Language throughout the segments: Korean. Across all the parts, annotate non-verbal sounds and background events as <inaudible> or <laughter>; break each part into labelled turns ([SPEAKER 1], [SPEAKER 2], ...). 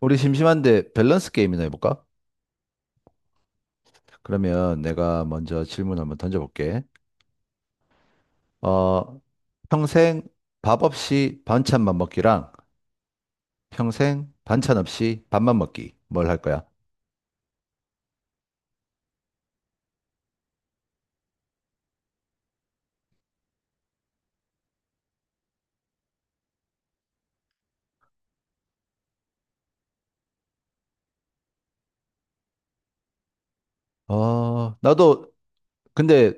[SPEAKER 1] 우리 심심한데 밸런스 게임이나 해볼까? 그러면 내가 먼저 질문 한번 던져볼게. 어, 평생 밥 없이 반찬만 먹기랑 평생 반찬 없이 밥만 먹기. 뭘 할 거야? 나도 근데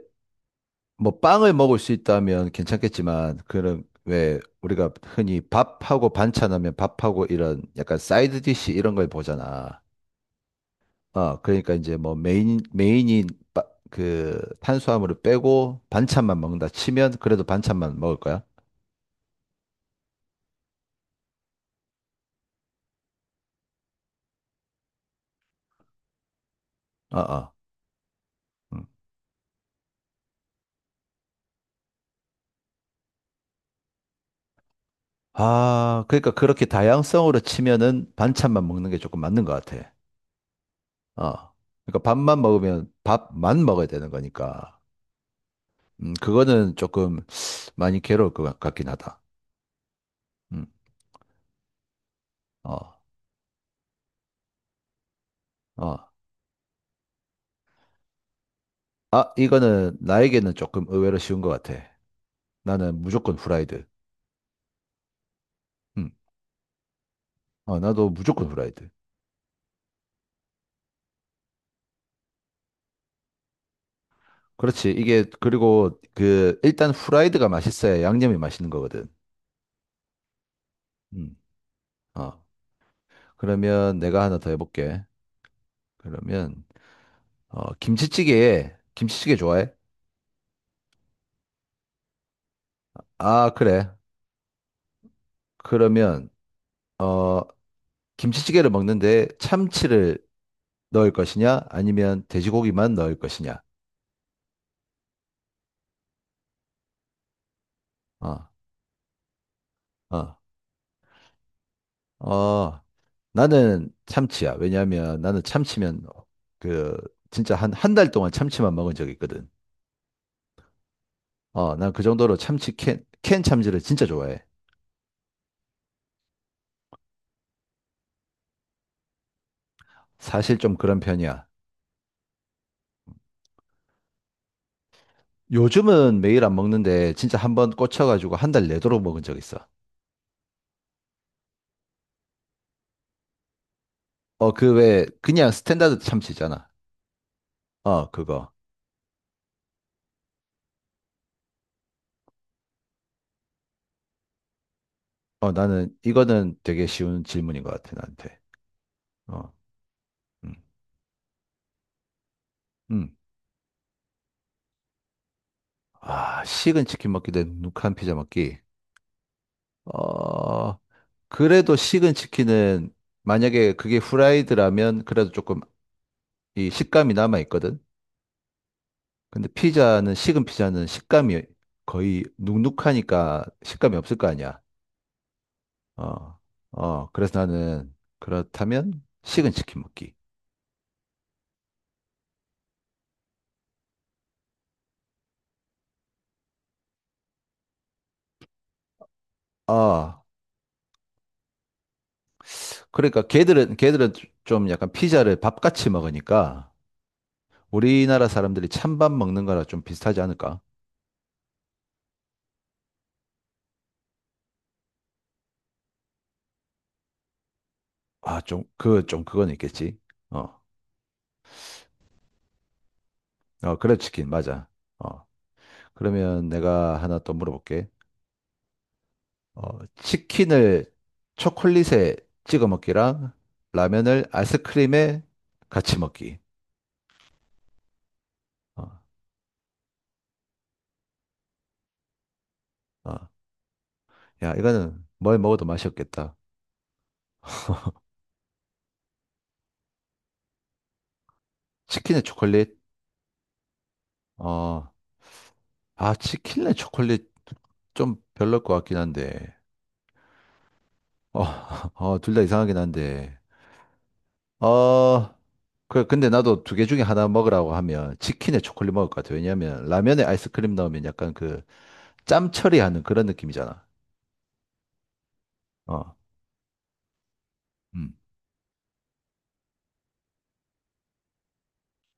[SPEAKER 1] 뭐 빵을 먹을 수 있다면 괜찮겠지만 그런 왜 우리가 흔히 밥하고 반찬하면 밥하고 이런 약간 사이드 디시 이런 걸 보잖아. 아, 그러니까 이제 뭐 메인이 그 탄수화물을 빼고 반찬만 먹는다 치면 그래도 반찬만 먹을 거야? 아, 아. 음. 아, 그러니까 그렇게 다양성으로 치면은 반찬만 먹는 게 조금 맞는 것 같아. 어. 그러니까 밥만 먹으면 밥만 먹어야 되는 거니까. 그거는 조금 많이 괴로울 것 같긴 하다. 음, 어, 어. 아, 이거는 나에게는 조금 의외로 쉬운 것 같아. 나는 무조건 후라이드. 음, 어, 나도 무조건 후라이드. 그렇지. 이게, 그리고 그, 일단 후라이드가 맛있어야 양념이 맛있는 거거든. 음. 어. 그러면 내가 하나 더 해볼게. 그러면, 어, 김치찌개 좋아해? 아, 그래. 그러면, 어, 김치찌개를 먹는데 참치를 넣을 것이냐? 아니면 돼지고기만 넣을 것이냐? 어, 어, 어. 나는 참치야. 왜냐하면 나는 참치면, 그, 진짜 한 달 동안 참치만 먹은 적이 있거든. 어, 난 그 정도로 참치 캔 참치를 진짜 좋아해. 사실 좀 그런 편이야. 요즘은 매일 안 먹는데 진짜 한 번 꽂혀가지고 한 달 내도록 먹은 적 있어. 어, 그 왜 그냥 스탠다드 참치잖아. 어, 그거. 어, 나는 이거는 되게 쉬운 질문인 것 같아, 나한테. 어, 음, 음. 아, 식은 치킨 먹기 대 누크한 피자 먹기. 어, 그래도 식은 치킨은 만약에 그게 후라이드라면 그래도 조금 이 식감이 남아 있거든. 근데 피자는 식은 피자는 식감이 거의 눅눅하니까 식감이 없을 거 아니야. 어, 어, 그래서 나는 그렇다면 식은 치킨 먹기. 아, 그러니까 걔들은 좀 약간 피자를 밥같이 먹으니까 우리나라 사람들이 찬밥 먹는 거랑 좀 비슷하지 않을까? 아, 좀 그 좀 그건 있겠지. 어, 어, 그래 치킨 맞아. 어, 그러면 내가 하나 또 물어볼게. 어, 치킨을 초콜릿에 찍어 먹기랑 라면을 아이스크림에 같이 먹기. 어, 어. 야, 이거는 뭘 먹어도 맛이 없겠다. 치킨에 초콜릿? 어, 아, 치킨에 초콜릿 좀 별로일 것 같긴 한데. 어, <laughs> 어, 둘 다 이상하긴 한데. 어, 그래, 근데 나도 두 개 중에 하나 먹으라고 하면 치킨에 초콜릿 먹을 것 같아. 왜냐면 라면에 아이스크림 넣으면 약간 그 짬 처리하는 그런 느낌이잖아. 어. 음.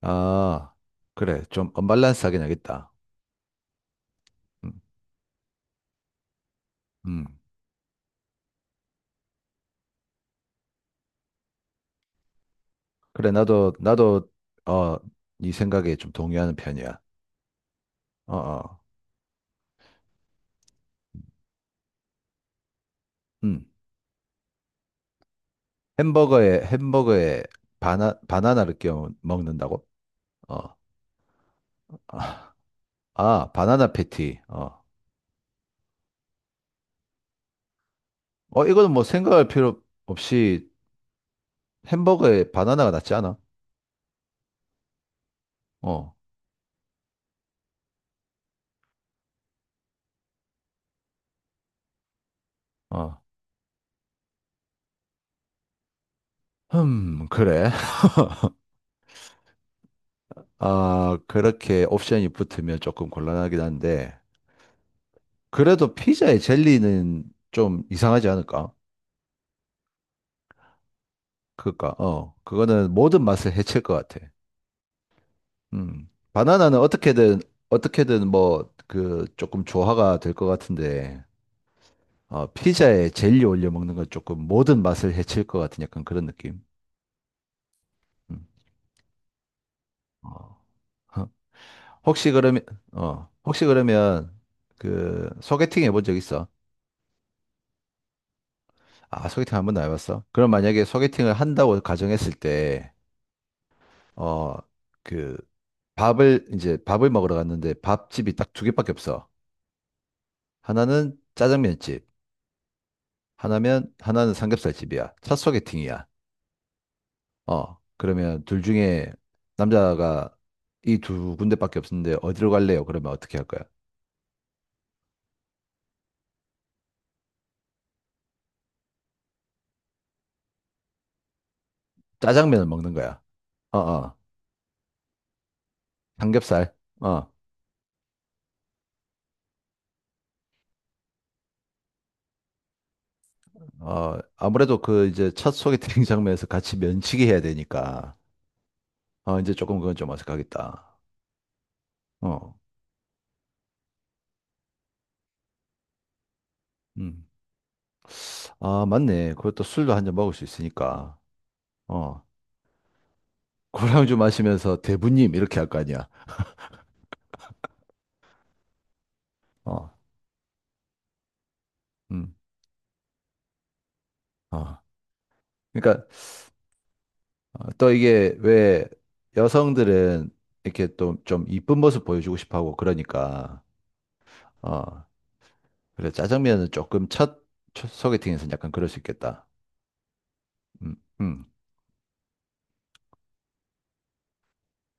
[SPEAKER 1] 아, 그래. 좀 언밸런스하긴 하겠다. 음, 음. 그래, 나도, 어, 네 생각에 좀 동의하는 편이야. 어, 어. 음. 햄버거에 바나나를 끼워 먹는다고? 어. 아, 아, 바나나 패티. 어. 어, 이거는 뭐 생각할 필요 없이 햄버거에 바나나가 낫지 않아? 어, 어. 그래. <laughs> 아, 그렇게 옵션이 붙으면 조금 곤란하긴 한데, 그래도 피자에 젤리는 좀 이상하지 않을까? 그니까, 어, 그거는 모든 맛을 해칠 것 같아. 음. 어떻게든 뭐, 그, 조금 조화가 될 것 같은데, 어, 피자에 젤리 올려 먹는 건 조금 모든 맛을 해칠 것 같은 약간 그런 느낌. 음. 어. 어. 혹시 그러면, 혹시 그러면, 그, 소개팅 해본 적 있어? 아, 소개팅 한 번도 안 해봤어? 그럼 만약에 소개팅을 한다고 가정했을 때, 어, 그 밥을 먹으러 갔는데 밥집이 딱 두 개밖에 없어. 하나는 짜장면집, 하나면 하나는 삼겹살집이야. 첫 소개팅이야. 어, 그러면 둘 중에 남자가 이 두 군데밖에 없는데 어디로 갈래요? 그러면 어떻게 할 거야? 짜장면을 먹는 거야. 어, 어, 삼겹살. 어, 어, 아무래도 그 이제 첫 소개팅 <laughs> 장면에서 같이 면치기 해야 되니까. 어, 이제 조금 그건 좀 어색하겠다. 어, 음. 아, 맞네. 그것도 술도 한잔 먹을 수 있으니까. 어. 고량주 마시면서 대부님 이렇게 할 거 아니야. 어. 음. 어. 그러니까 어, 또 이게 왜 여성들은 이렇게 또 좀 이쁜 모습 보여주고 싶어 하고 그러니까 어. 그래 짜장면은 조금 첫 소개팅에서는 약간 그럴 수 있겠다. 음. 음.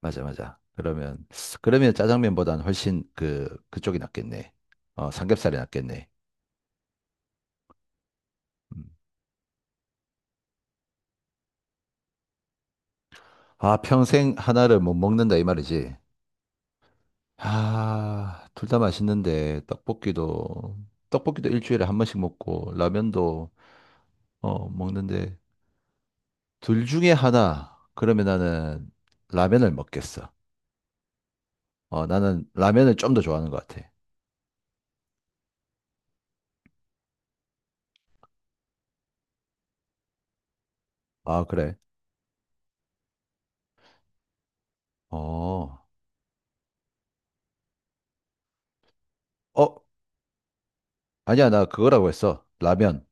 [SPEAKER 1] 맞아, 맞아. 그러면 짜장면보다는 훨씬 그 그쪽이 낫겠네. 어, 삼겹살이 낫겠네. 음. 아, 평생 하나를 못 먹는다 이 말이지. 아, 둘 다 맛있는데 떡볶이도 일주일에 한 번씩 먹고 라면도 어 먹는데 둘 중에 하나 그러면 나는 라면을 먹겠어. 어 나는 라면을 좀 더 좋아하는 것 같아. 아 그래? 어, 어 아니야 나 그거라고 했어. 라면.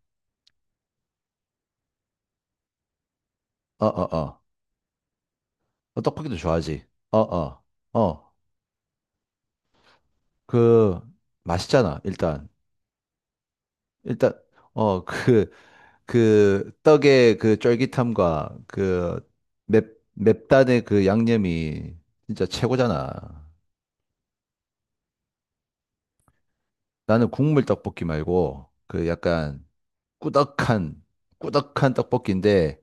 [SPEAKER 1] 어 어 어. 어, 떡볶이도 좋아하지. 어 어 어. 그 맛있잖아 일단 일단 어그 그 떡의 그 쫄깃함과 그 맵, 맵단의 그 양념이 진짜 최고잖아. 나는 국물 떡볶이 말고 그 약간 꾸덕한 떡볶이인데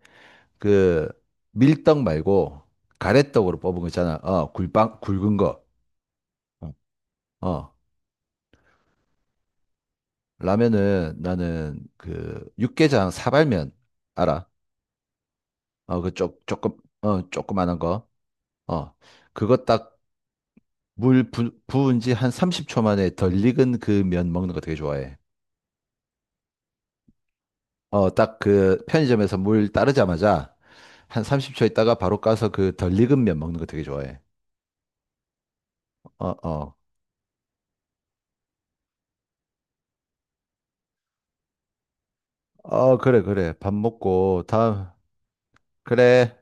[SPEAKER 1] 그 밀떡 말고 가래떡으로 뽑은 거 있잖아. 어, 굴빵 굵은 거. 어. 어, 라면은 나는 그 육개장 사발면 알아? 어, 그 조금 어, 조그만한 거. 어. 그거 딱 물 부은 지 한 30초 만에 덜 익은 그 면 먹는 거 되게 좋아해. 어, 딱 그 편의점에서 물 따르자마자 한 30초 있다가 바로 가서 그 덜 익은 면 먹는 거 되게 좋아해. 어, 어. 어, 그래, 그래. 밥 먹고 다음. 그래.